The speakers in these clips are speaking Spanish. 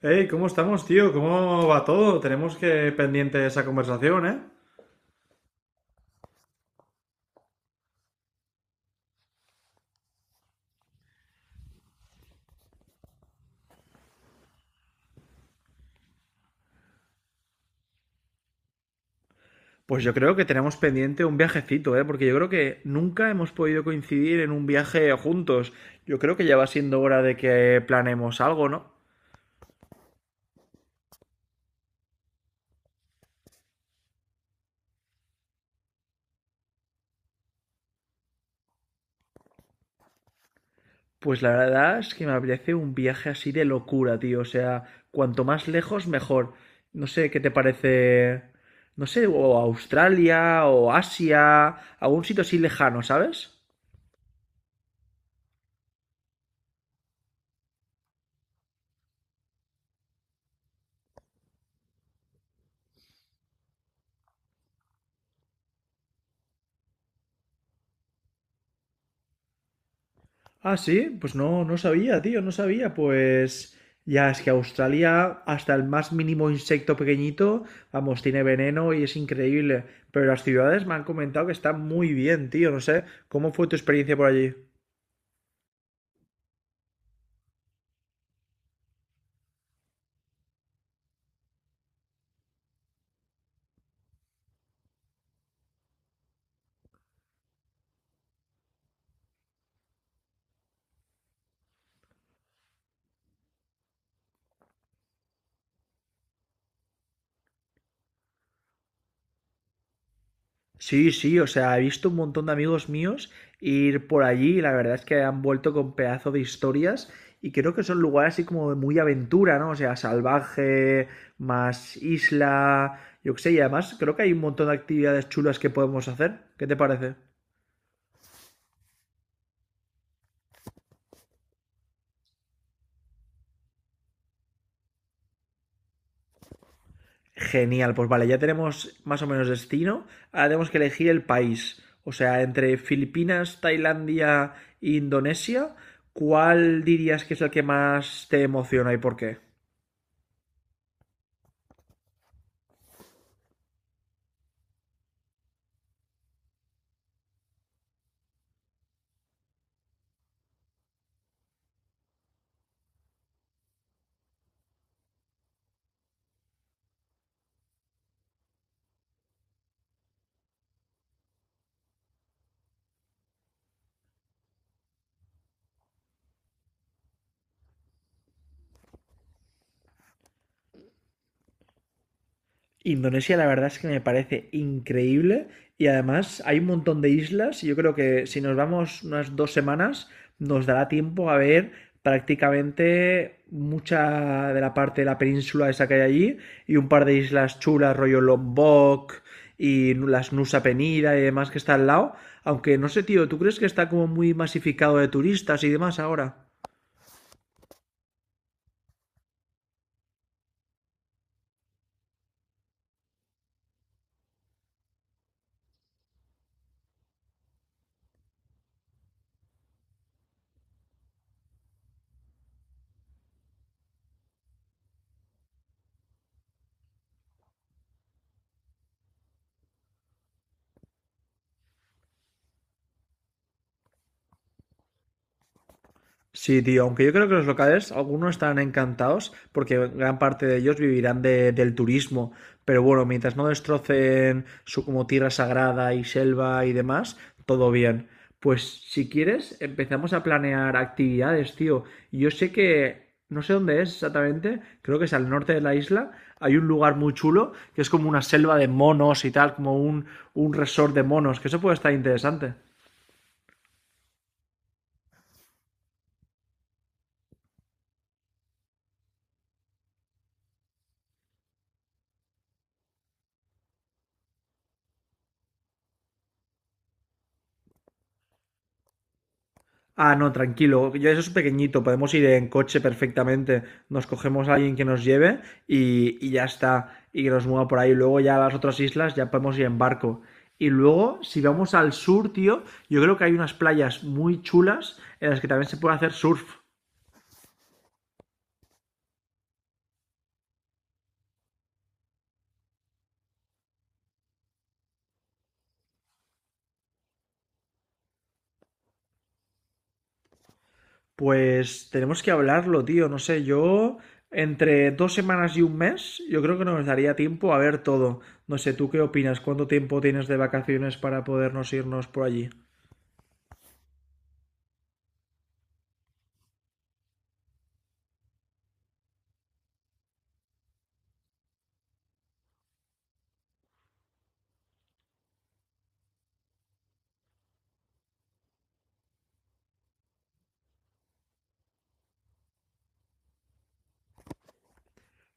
Hey, ¿cómo estamos, tío? ¿Cómo va todo? Tenemos que pendiente esa conversación, ¿eh? Pues yo creo que tenemos pendiente un viajecito, ¿eh? Porque yo creo que nunca hemos podido coincidir en un viaje juntos. Yo creo que ya va siendo hora de que planeemos algo, ¿no? Pues la verdad es que me parece un viaje así de locura, tío. O sea, cuanto más lejos, mejor. No sé, ¿qué te parece? No sé, o Australia, o Asia, algún sitio así lejano, ¿sabes? Ah, sí, pues no, no sabía, tío, no sabía. Pues ya es que Australia, hasta el más mínimo insecto pequeñito, vamos, tiene veneno y es increíble. Pero las ciudades me han comentado que están muy bien, tío, no sé. ¿Cómo fue tu experiencia por allí? Sí, sí, o sea, he visto un montón de amigos míos ir por allí y la verdad es que han vuelto con pedazo de historias y creo que son lugares así como de muy aventura, ¿no? O sea, salvaje, más isla, yo qué sé, y además creo que hay un montón de actividades chulas que podemos hacer. ¿Qué te parece? Genial, pues vale, ya tenemos más o menos destino. Ahora tenemos que elegir el país. O sea, entre Filipinas, Tailandia e Indonesia, ¿cuál dirías que es el que más te emociona y por qué? Indonesia, la verdad es que me parece increíble y además hay un montón de islas y yo creo que si nos vamos unas 2 semanas nos dará tiempo a ver prácticamente mucha de la parte de la península esa que hay allí y un par de islas chulas, rollo Lombok y las Nusa Penida y demás que está al lado. Aunque no sé, tío, ¿tú crees que está como muy masificado de turistas y demás ahora? Sí, tío, aunque yo creo que los locales, algunos estarán encantados porque gran parte de ellos vivirán del turismo. Pero bueno, mientras no destrocen su como tierra sagrada y selva y demás, todo bien. Pues si quieres, empezamos a planear actividades, tío. Yo sé que, no sé dónde es exactamente, creo que es al norte de la isla. Hay un lugar muy chulo que es como una selva de monos y tal, como un resort de monos, que eso puede estar interesante. Ah, no, tranquilo. Yo eso es pequeñito. Podemos ir en coche perfectamente. Nos cogemos a alguien que nos lleve y ya está. Y que nos mueva por ahí. Luego ya a las otras islas ya podemos ir en barco. Y luego, si vamos al sur, tío, yo creo que hay unas playas muy chulas en las que también se puede hacer surf. Pues tenemos que hablarlo, tío. No sé, yo entre 2 semanas y un mes, yo creo que nos daría tiempo a ver todo. No sé, ¿tú qué opinas? ¿Cuánto tiempo tienes de vacaciones para podernos irnos por allí?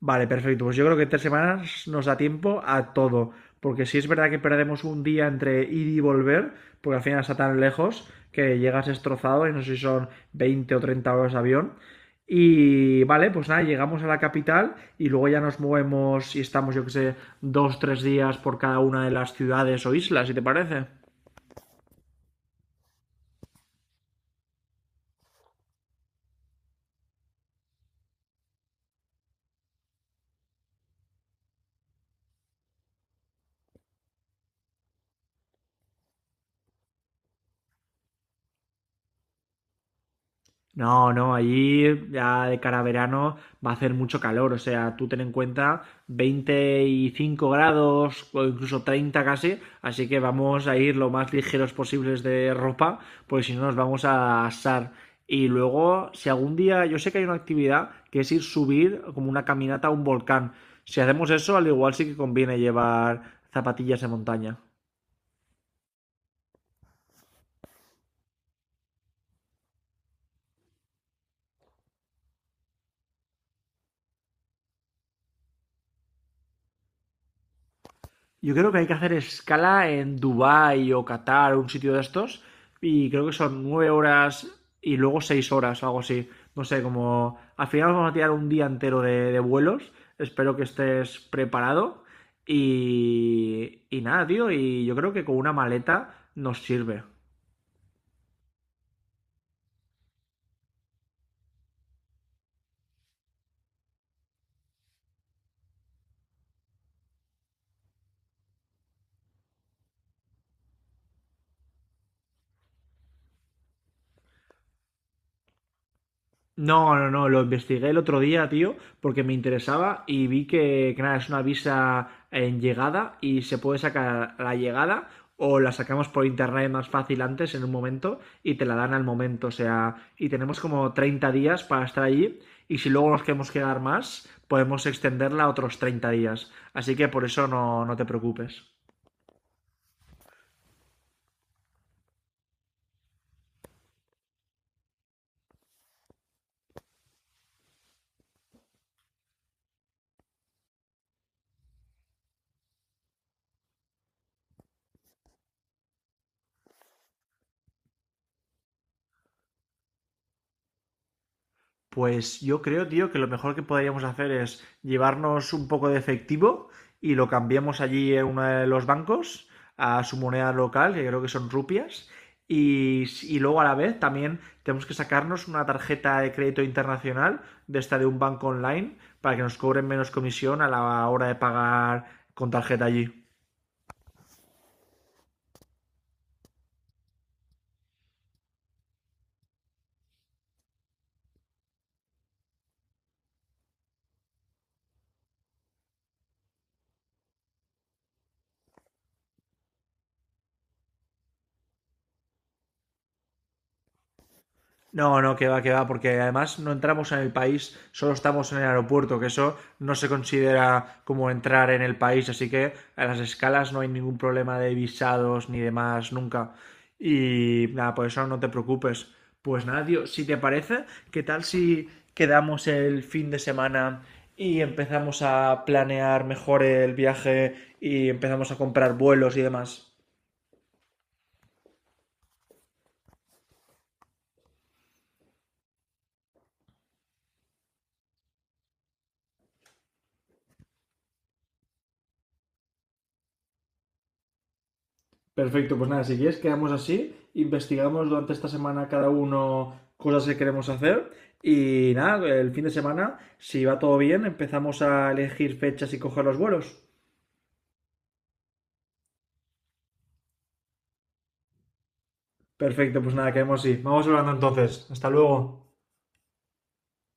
Vale, perfecto. Pues yo creo que 3 semanas nos da tiempo a todo. Porque si es verdad que perdemos un día entre ir y volver, porque al final está tan lejos que llegas destrozado y no sé si son 20 o 30 horas de avión. Y vale, pues nada, llegamos a la capital y luego ya nos movemos y estamos, yo que sé, dos, tres días por cada una de las ciudades o islas, si te parece. No, no, allí ya de cara a verano va a hacer mucho calor, o sea, tú ten en cuenta 25 grados o incluso 30 casi, así que vamos a ir lo más ligeros posibles de ropa, porque si no nos vamos a asar. Y luego, si algún día, yo sé que hay una actividad que es ir subir como una caminata a un volcán, si hacemos eso, al igual sí que conviene llevar zapatillas de montaña. Yo creo que hay que hacer escala en Dubái o Qatar, un sitio de estos, y creo que son 9 horas y luego 6 horas o algo así. No sé, como al final vamos a tirar un día entero de vuelos. Espero que estés preparado. Y nada, tío, y yo creo que con una maleta nos sirve. No, no, no, lo investigué el otro día, tío, porque me interesaba y vi que nada, es una visa en llegada y se puede sacar a la llegada o la sacamos por internet más fácil antes en un momento y te la dan al momento, o sea, y tenemos como 30 días para estar allí y si luego nos queremos quedar más, podemos extenderla a otros 30 días, así que por eso no, no te preocupes. Pues yo creo, tío, que lo mejor que podríamos hacer es llevarnos un poco de efectivo y lo cambiamos allí en uno de los bancos a su moneda local, que creo que son rupias. Y luego a la vez también tenemos que sacarnos una tarjeta de crédito internacional de esta de un banco online para que nos cobren menos comisión a la hora de pagar con tarjeta allí. No, no, que va, porque además no entramos en el país, solo estamos en el aeropuerto, que eso no se considera como entrar en el país, así que a las escalas no hay ningún problema de visados ni demás, nunca. Y nada, por eso no te preocupes. Pues nada, tío, si te parece, ¿qué tal si quedamos el fin de semana y empezamos a planear mejor el viaje y empezamos a comprar vuelos y demás? Perfecto, pues nada, si quieres quedamos así, investigamos durante esta semana cada uno cosas que queremos hacer y nada, el fin de semana, si va todo bien, empezamos a elegir fechas y coger los vuelos. Perfecto, pues nada, quedamos así. Vamos hablando entonces. Hasta luego.